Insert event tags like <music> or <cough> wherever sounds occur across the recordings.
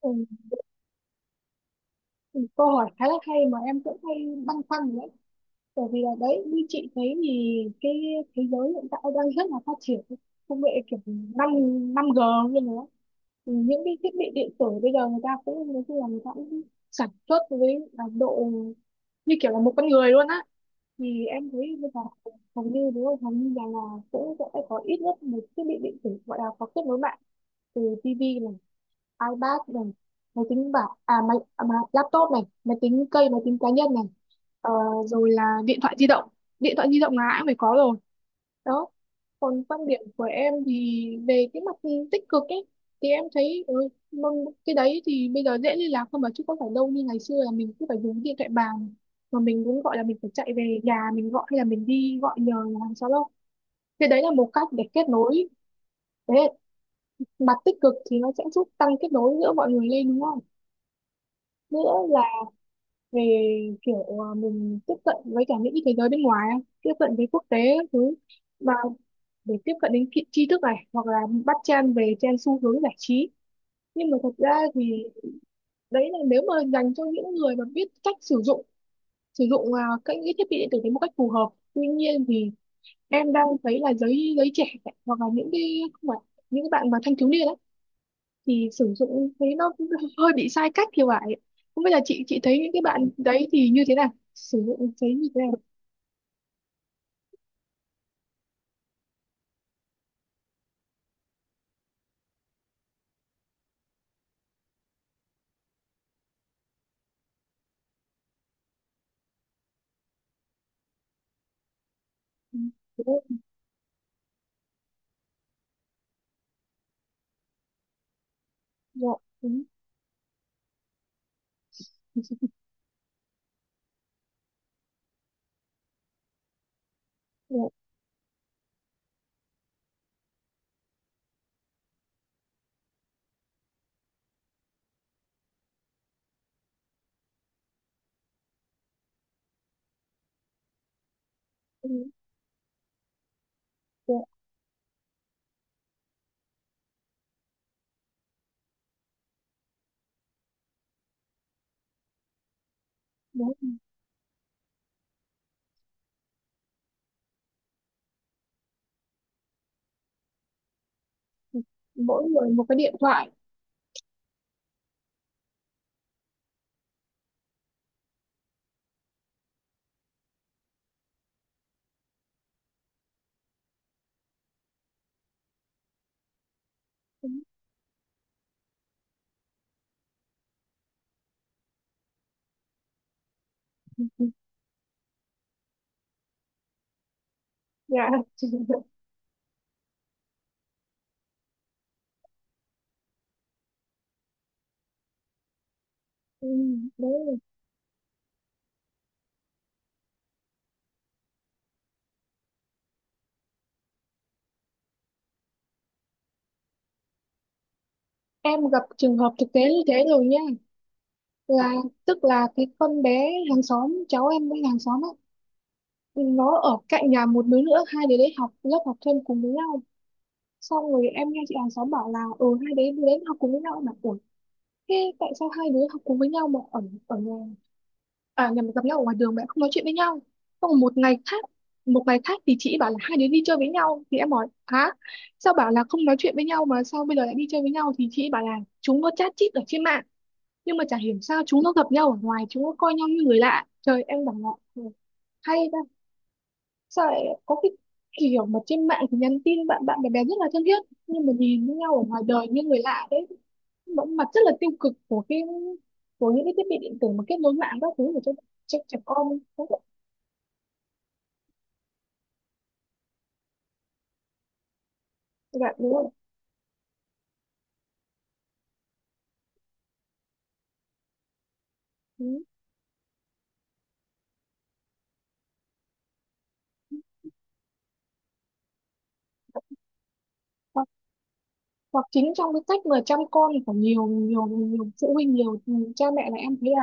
Ừ. ừ, Câu hỏi khá là hay mà em cũng hay băn khoăn đấy, bởi vì là đấy, như chị thấy thì cái thế giới hiện tại đang rất là phát triển công nghệ, kiểu năm năm g như thế. Những cái thiết bị điện tử bây giờ người ta cũng nói chung là người ta cũng sản xuất với là độ như kiểu là một con người luôn á. Thì em thấy bây giờ hầu như đúng không, hầu như là cũng sẽ có ít nhất một thiết bị điện tử gọi là có kết nối mạng, từ tivi, iPad này, máy tính bảng à mà laptop này, máy tính cây, máy tính cá nhân này. Ờ, Rồi là điện thoại di động, điện thoại di động là ai cũng phải có rồi. Đó. Còn quan điểm của em thì về cái mặt tích cực ấy, thì em thấy cái đấy thì bây giờ dễ liên lạc hơn mà, chứ không phải đâu như ngày xưa là mình cứ phải dùng điện thoại bàn, mà mình cũng gọi là mình phải chạy về nhà mình gọi, hay là mình đi gọi nhờ nhà hàng xóm đâu. Cái đấy là một cách để kết nối. Đấy, mặt tích cực thì nó sẽ giúp tăng kết nối giữa mọi người lên, đúng không, nữa là về kiểu mình tiếp cận với cả những cái thế giới bên ngoài ấy, tiếp cận với quốc tế các thứ, mà để tiếp cận đến tri tri thức này, hoặc là bắt chen về trên xu hướng giải trí. Nhưng mà thật ra thì đấy là nếu mà dành cho những người mà biết cách sử dụng, sử dụng các những cái thiết bị điện tử đến một cách phù hợp. Tuy nhiên thì em đang thấy là giới giới trẻ, hoặc là những cái, không phải những cái bạn mà thanh thiếu niên ấy, thì sử dụng thấy nó cũng hơi bị sai cách thì phải. Không biết là chị thấy những cái bạn đấy thì như thế nào, sử dụng thấy như thế nào. Ừ, đúng, dạ, đúng, dạ, đúng, dạ, đúng. Mỗi người một cái điện thoại. Đúng, dạ. Ừ, đấy là- em gặp trường hợp thực tế như thế rồi nha, là tức là cái con bé hàng xóm cháu em với hàng xóm ấy, nó ở cạnh nhà một đứa nữa, hai đứa đấy học lớp học thêm cùng với nhau. Xong rồi em nghe chị hàng xóm bảo là ừ hai đứa đến học cùng với nhau mà, ủa, thế tại sao hai đứa học cùng với nhau mà ở, ở nhà, à nhà mà gặp nhau ở ngoài đường mà em không nói chuyện với nhau. Xong rồi một ngày khác thì chị bảo là hai đứa đi chơi với nhau, thì em hỏi hả, sao bảo là không nói chuyện với nhau mà sao bây giờ lại đi chơi với nhau, thì chị bảo là chúng nó chat chít ở trên mạng, nhưng mà chả hiểu sao chúng nó gặp nhau ở ngoài chúng nó coi nhau như người lạ. Trời, em bảo là "Ừ, hay ta, sao lại có cái kiểu mà trên mạng thì nhắn tin bạn bạn bè bè rất là thân thiết nhưng mà nhìn với nhau ở ngoài đời như người lạ". Đấy, vẫn mặt rất là tiêu cực của những cái thiết bị điện tử mà kết nối mạng các thứ, để cho trẻ con, các bạn đúng không. Ừ. hoặc, hoặc chính trong cái cách mà chăm con của nhiều nhiều nhiều phụ huynh, nhiều cha mẹ, là em thấy là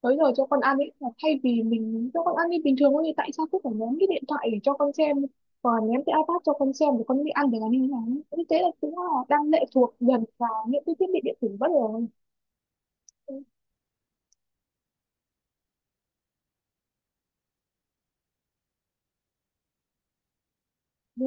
tới giờ cho con ăn ấy, là thay vì mình cho con ăn đi bình thường thôi thì tại sao cứ phải ném cái điện thoại để cho con xem, và ném cái iPad cho con xem để con đi ăn để làm như thế nào ấy. Như thế là cũng là đang lệ thuộc dần vào những cái thiết bị điện tử bất ngờ. Ừ.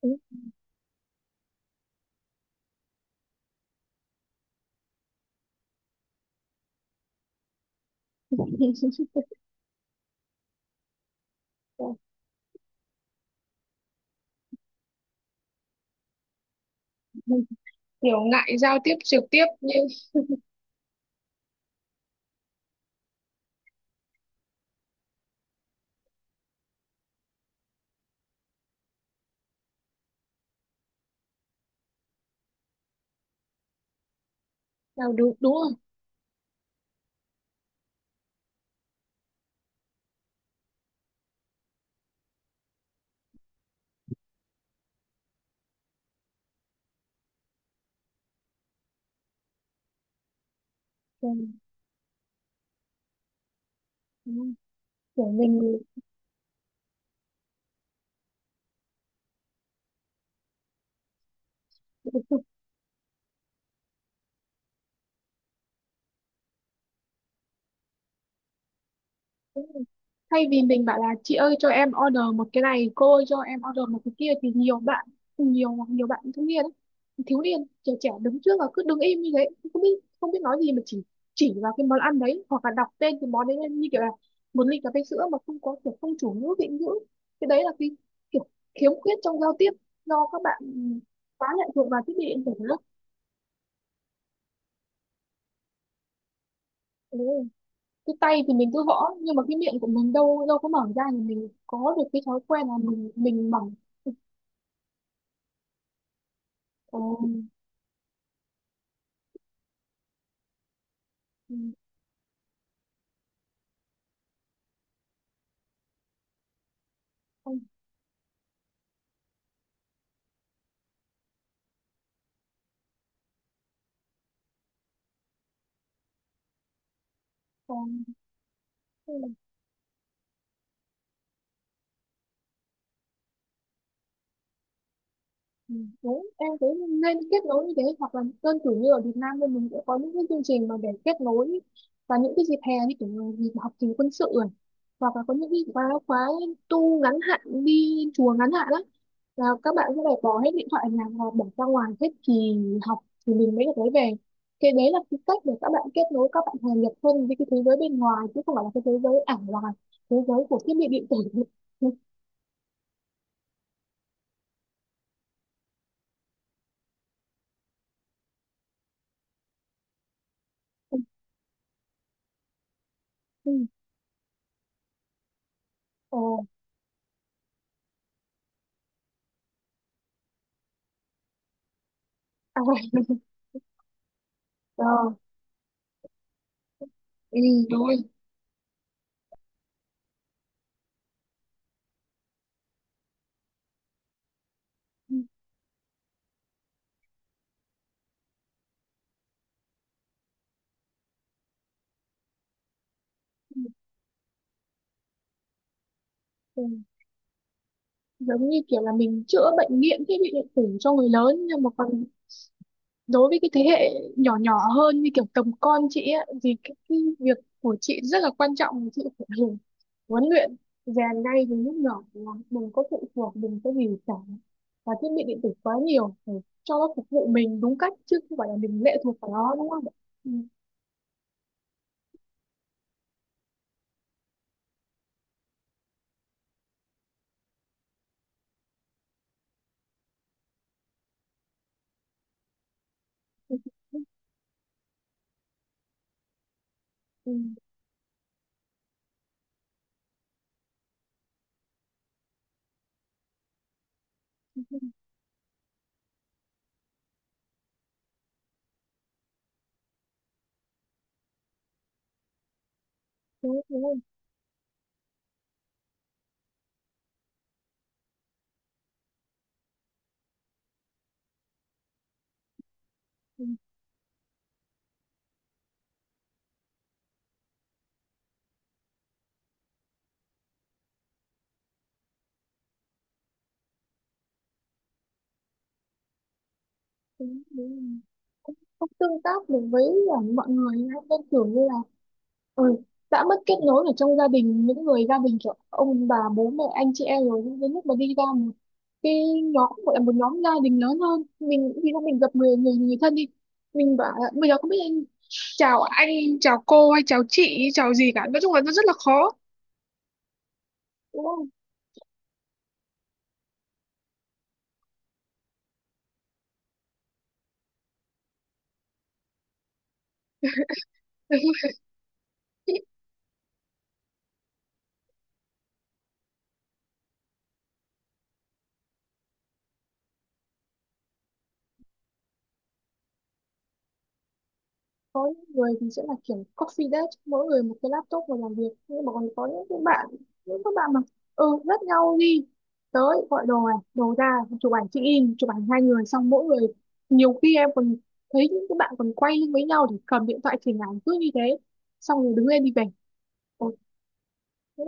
Ừ. <laughs> Kiểu ngại giao tiếp trực tiếp như. Đâu, đúng đúng rồi. Kiểu, đúng rồi. Kiểu mình, đúng rồi. Thay vì mình bảo là chị ơi cho em order một cái này, cô ơi cho em order một cái kia thì nhiều bạn, nhiều nhiều bạn thanh niên ấy, thiếu niên, trẻ trẻ, đứng trước và cứ đứng im như thế, không biết không biết nói gì mà chỉ vào cái món ăn đấy hoặc là đọc tên cái món đấy lên như kiểu là một ly cà phê sữa mà không có kiểu không chủ ngữ vị ngữ. Cái đấy là cái kiểu khiếm khuyết trong giao tiếp do các bạn quá lệ thuộc vào thiết bị điện tử. Đó, cái tay thì mình cứ gõ nhưng mà cái miệng của mình đâu đâu có mở ra thì mình có được cái thói quen là mình mở. Ừ, ừ, không, không. Ừ. Đúng, em cũng nên kết nối như thế, hoặc là đơn cử như ở Việt Nam thì mình sẽ có những cái chương trình mà để kết nối và những cái dịp hè như kiểu là dịp học kỳ quân sự này, hoặc là có những cái khóa khóa tu ngắn hạn, đi chùa ngắn hạn. Đó là các bạn sẽ phải bỏ hết điện thoại ở nhà và bỏ ra ngoài hết kỳ học thì mình mới được lấy về. Cái đấy là cái cách để các bạn kết nối, các bạn hòa nhập hơn với cái thế giới bên ngoài chứ không phải là cái thế giới ảo, là thế giới của thiết bị điện tử. <laughs> Ừ. Ờ, à, ờ, ừ, đúng rồi. Ừ, ừ. Giống như kiểu là mình chữa bệnh nghiện thiết bị điện tử cho người lớn, nhưng mà còn đối với cái thế hệ nhỏ nhỏ hơn như kiểu tầm con chị ấy, thì cái việc của chị rất là quan trọng, chị phải hiểu, huấn luyện, rèn ngay từ lúc nhỏ là đừng có phụ thuộc, đừng có gì cả và thiết bị điện tử quá nhiều, phải cho nó phục vụ mình đúng cách chứ không phải là mình lệ thuộc vào nó đúng không ạ? Ừ. Ừ. Ừ. Đúng, đúng, đúng, đúng, đúng. Không tương tác được với mọi người ấy. Nên kiểu như là ừ, đã mất kết nối ở trong gia đình, những người gia đình kiểu ông bà bố mẹ anh chị em rồi, nhưng đến lúc mà đi ra một cái nhóm gọi là một nhóm gia đình lớn hơn, mình khi mà mình gặp người người người thân đi, mình bảo là bây giờ không biết anh, chào anh, chào cô hay chào chị, chào gì cả, nói chung là nó rất là khó, đúng không. Có những người thì sẽ là kiểu coffee desk, mỗi người một cái laptop và làm việc, nhưng mà còn có những các bạn mà ừ rất nhau đi tới gọi đồ này đồ ra, chụp ảnh check in, chụp ảnh hai người, xong mỗi người, nhiều khi em còn thấy những cái bạn còn quay lưng với nhau để cầm điện thoại chỉnh ảnh cứ như thế, xong rồi đứng lên đi về. Ôi, thế,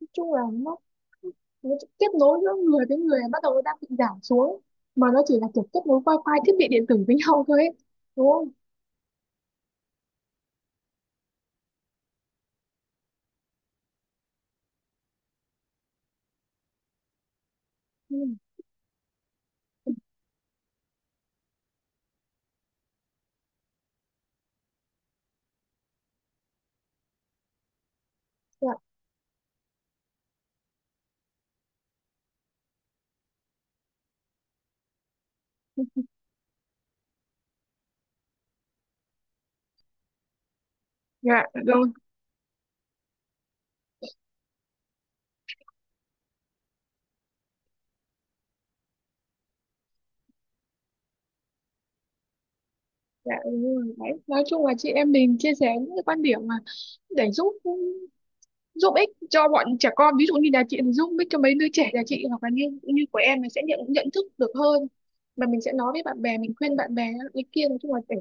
nói chung là nó kết nối giữa người với người bắt đầu nó đang bị giảm xuống, mà nó chỉ là kiểu kết nối wifi thiết bị điện tử với nhau thôi ấy, đúng không. Ừ. Dạ, dạ rồi. Dạ đúng rồi. Đấy. Nói chung là chị em mình chia sẻ những cái quan điểm mà để giúp giúp ích cho bọn trẻ con, ví dụ như là chị thì giúp ích cho mấy đứa trẻ nhà chị, hoặc là như như của em mình sẽ nhận nhận thức được hơn, mà mình sẽ nói với bạn bè mình khuyên bạn bè ý kia, nói chung là để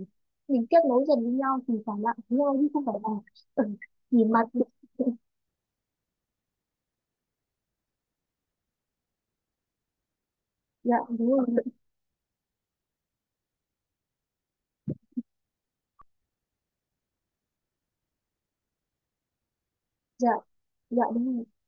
mình kết nối dần với nhau thì phải lại với nhau chứ không phải là ừ, nhìn mặt. <laughs> Dạ đúng rồi. Dạ dạ đúng rồi.